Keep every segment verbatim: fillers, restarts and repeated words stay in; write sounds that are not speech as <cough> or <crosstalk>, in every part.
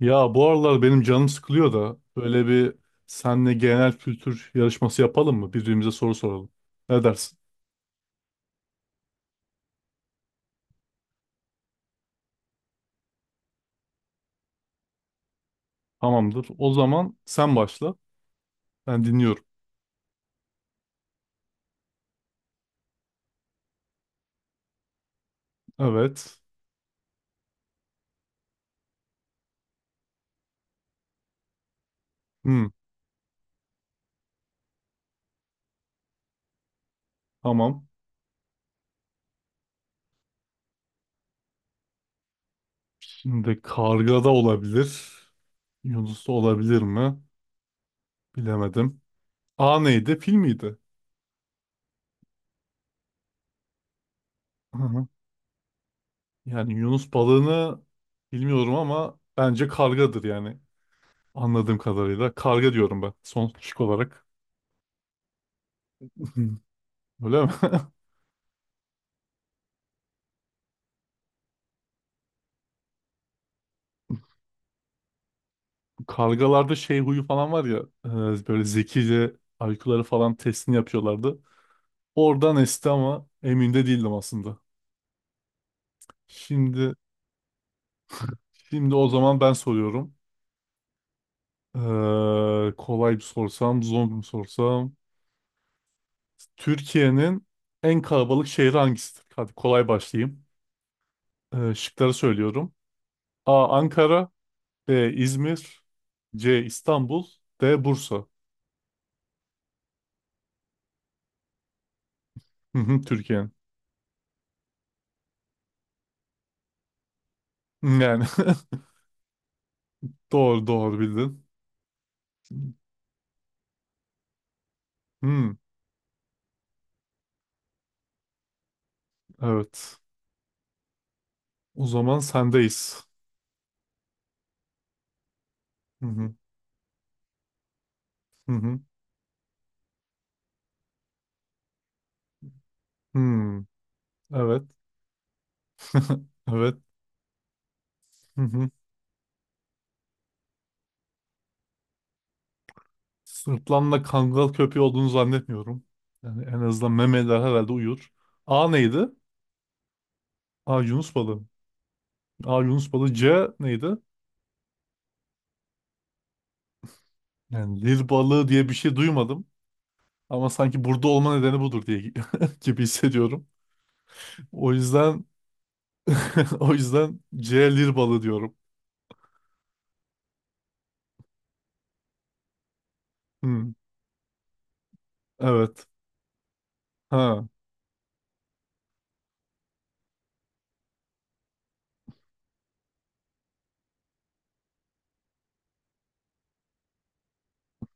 Ya bu aralar benim canım sıkılıyor da böyle bir senle genel kültür yarışması yapalım mı? Birbirimize soru soralım. Ne dersin? Tamamdır. O zaman sen başla. Ben dinliyorum. Evet. Hmm, tamam. Şimdi karga da olabilir. Yunus da olabilir mi? Bilemedim. A neydi? Fil miydi? Hı hı. Yani Yunus balığını bilmiyorum ama bence kargadır yani. Anladığım kadarıyla. Karga diyorum ben son şık olarak. <laughs> Öyle mi? <laughs> Kargalarda şey huyu falan var ya, e, böyle zekice I Q'ları falan testini yapıyorlardı. Oradan esti ama emin de değildim aslında. Şimdi şimdi o zaman ben soruyorum. Ee, kolay bir sorsam, zor bir sorsam. Türkiye'nin en kalabalık şehri hangisidir? Hadi kolay başlayayım. Ee, şıkları söylüyorum. A. Ankara. B. İzmir. C. İstanbul. D. Bursa. Hı hı, Türkiye'nin. Yani <laughs> doğru, doğru bildin. Hmm, evet. O zaman sendeyiz. Hı hı. Hı hı. Hmm. Evet. <laughs> Evet. Hı hı. Sırtlanla kangal köpeği olduğunu zannetmiyorum. Yani en azından memeler herhalde uyur. A neydi? A Yunus balığı. A Yunus balığı. C neydi? Yani Lil balığı diye bir şey duymadım. Ama sanki burada olma nedeni budur diye <laughs> gibi hissediyorum. O yüzden <laughs> o yüzden C Lil balığı diyorum. Hmm. Evet. Ha.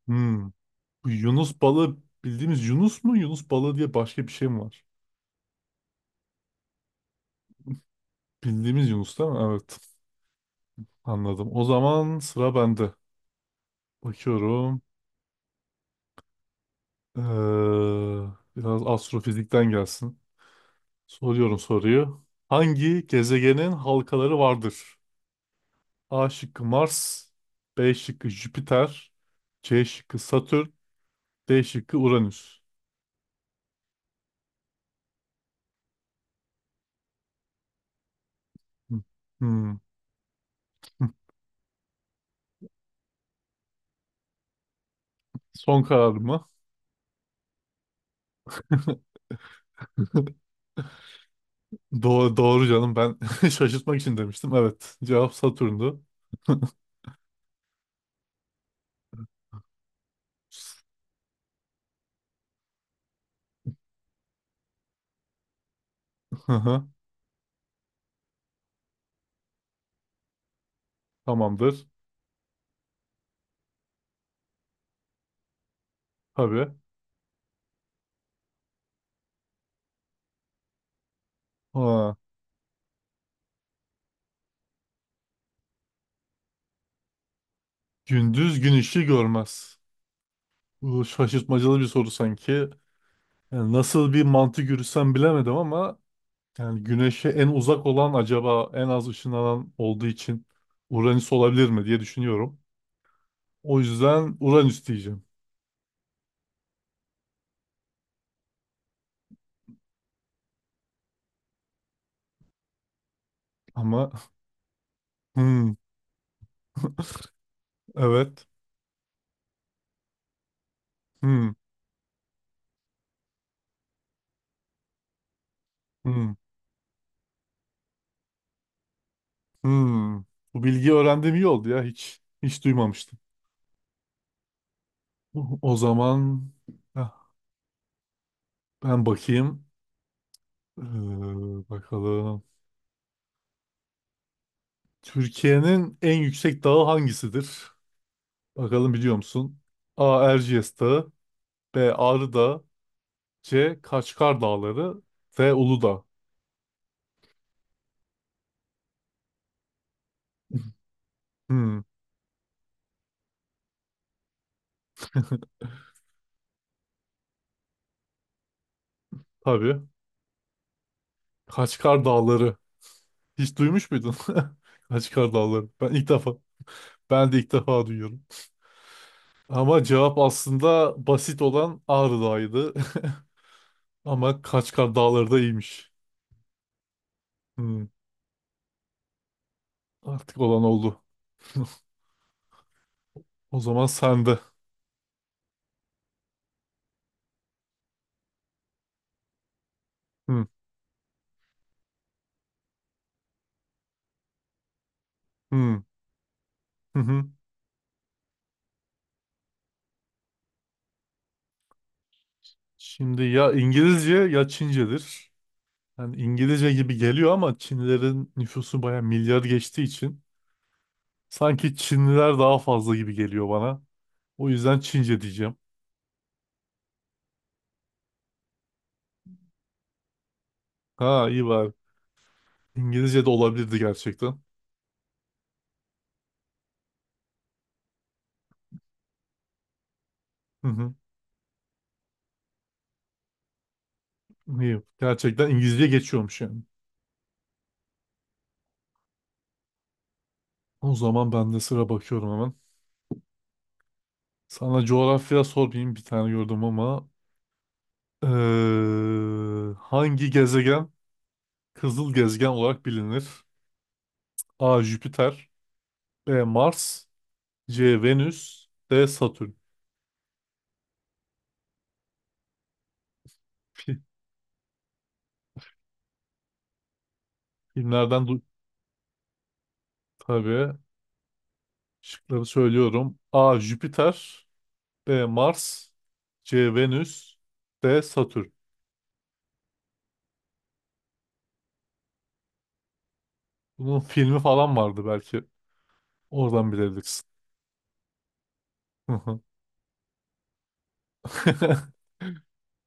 Hmm. Bu Yunus balığı bildiğimiz Yunus mu? Yunus balığı diye başka bir şey mi var? Bildiğimiz Yunus değil mi? Evet. Anladım. O zaman sıra bende. Bakıyorum. Ee, Biraz astrofizikten gelsin. Soruyorum soruyu. Hangi gezegenin halkaları vardır? A şıkkı Mars, B şıkkı Jüpiter, C şıkkı Satürn, D şıkkı Uranüs. Hmm. Hmm. <laughs> Son karar mı? <laughs> Doğru, doğru canım, ben <laughs> şaşırtmak için demiştim. Evet, cevap Satürn'dü. Hı hı. Tamamdır. Tabii. Ha, gündüz gün ışığı görmez. Bu şaşırtmacalı bir soru sanki. Yani nasıl bir mantık yürütsem bilemedim, ama yani güneşe en uzak olan acaba en az ışınlanan olduğu için Uranüs olabilir mi diye düşünüyorum. O yüzden Uranüs diyeceğim. Ama <laughs> hmm, evet. Hmm, hmm, hmm. Bu bilgiyi öğrendiğim iyi oldu ya. Hiç hiç duymamıştım. <laughs> O zaman ah, ben bakayım. Ee, Bakalım. Türkiye'nin en yüksek dağı hangisidir? Bakalım biliyor musun? A. Erciyes Dağı. B. Ağrı Dağı. C. Kaçkar Dağları. D. Uludağ. <laughs> Hmm, tabii. Kaçkar Dağları. Hiç duymuş muydun? <laughs> Kaçkar Dağları. Ben ilk defa. Ben de ilk defa duyuyorum. Ama cevap aslında basit olan Ağrı Dağı'ydı. <laughs> Ama Kaçkar Dağları da iyiymiş. Hmm. Artık olan oldu. O zaman sende. Hı, hı, hı, hı. Şimdi ya İngilizce ya Çincedir. Yani İngilizce gibi geliyor ama Çinlilerin nüfusu baya milyar geçtiği için sanki Çinliler daha fazla gibi geliyor bana. O yüzden Çince diyeceğim. Ha, iyi var. İngilizce de olabilirdi gerçekten. Hı hı. İyi. Gerçekten İngilizce geçiyormuş yani. O zaman ben de sıra bakıyorum hemen. Sana coğrafya sormayayım, bir tane gördüm ama. Eee, hangi gezegen Kızıl gezegen olarak bilinir? A. Jüpiter. B. Mars. C. Venüs. D. Satürn. Fi- Filmlerden du tabii. Şıkları söylüyorum. A. Jüpiter. B. Mars. C. Venüs. D. Satürn. Bunun filmi falan vardı belki. Oradan bilebilirsin. Hı hı. <laughs>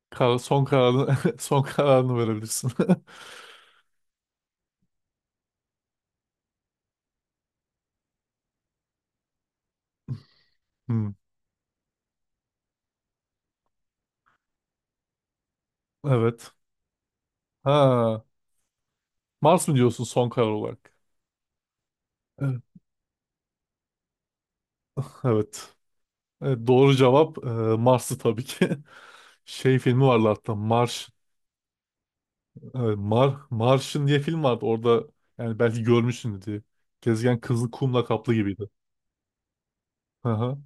Kar- son kararını <laughs> son kararını verebilirsin. <laughs> Hmm. Evet. Ha, Mars mı diyorsun son karar olarak? Evet. Evet. Evet, doğru cevap e, Mars'ı tabii ki. <laughs> Şey filmi vardı hatta Mars, e, Mar, Martian diye film vardı. Orada yani belki görmüşsün diye. Gezegen kızıl kumla kaplı gibiydi. Hı hı.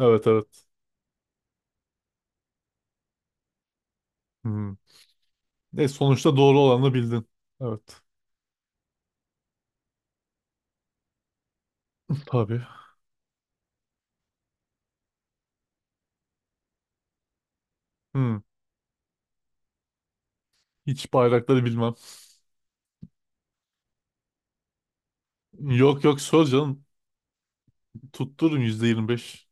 Evet, evet. Hmm. E, sonuçta doğru olanı bildin. Evet. Tabii. Hmm. Hiç bayrakları bilmem. Yok, yok, sor canım. Tuttururum yüzde yirmi beş.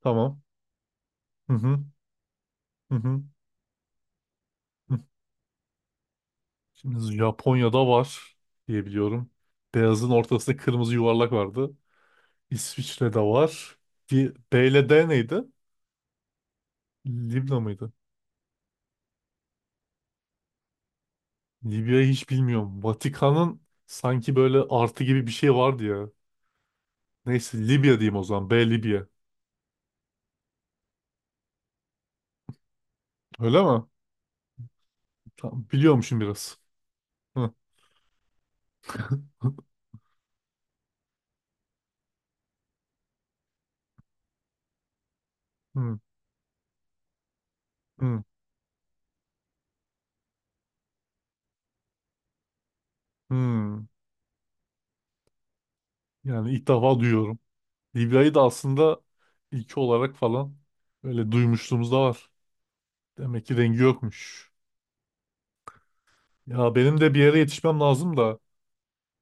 Tamam. Hı hı. Hı hı. Hı. Şimdi Japonya'da var diye biliyorum. Beyazın ortasında kırmızı yuvarlak vardı. İsviçre'de var. Di- B ile D neydi? Libya mıydı? Libya'yı hiç bilmiyorum. Vatikan'ın sanki böyle artı gibi bir şey vardı ya. Neyse Libya diyeyim o zaman. B Libya. Öyle mi? Tamam, biliyormuşum biraz. Hı, hı, hı, hı. Yani ilk defa duyuyorum. Libya'yı da aslında ilki olarak falan böyle duymuşluğumuz da var. Demek ki rengi yokmuş. Ya benim de bir yere yetişmem lazım da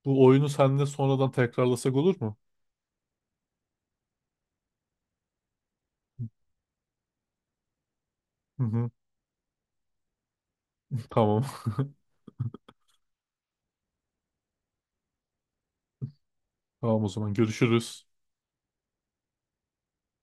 bu oyunu seninle sonradan tekrarlasak olur mu? Hı hı, tamam. Tamam, o zaman görüşürüz.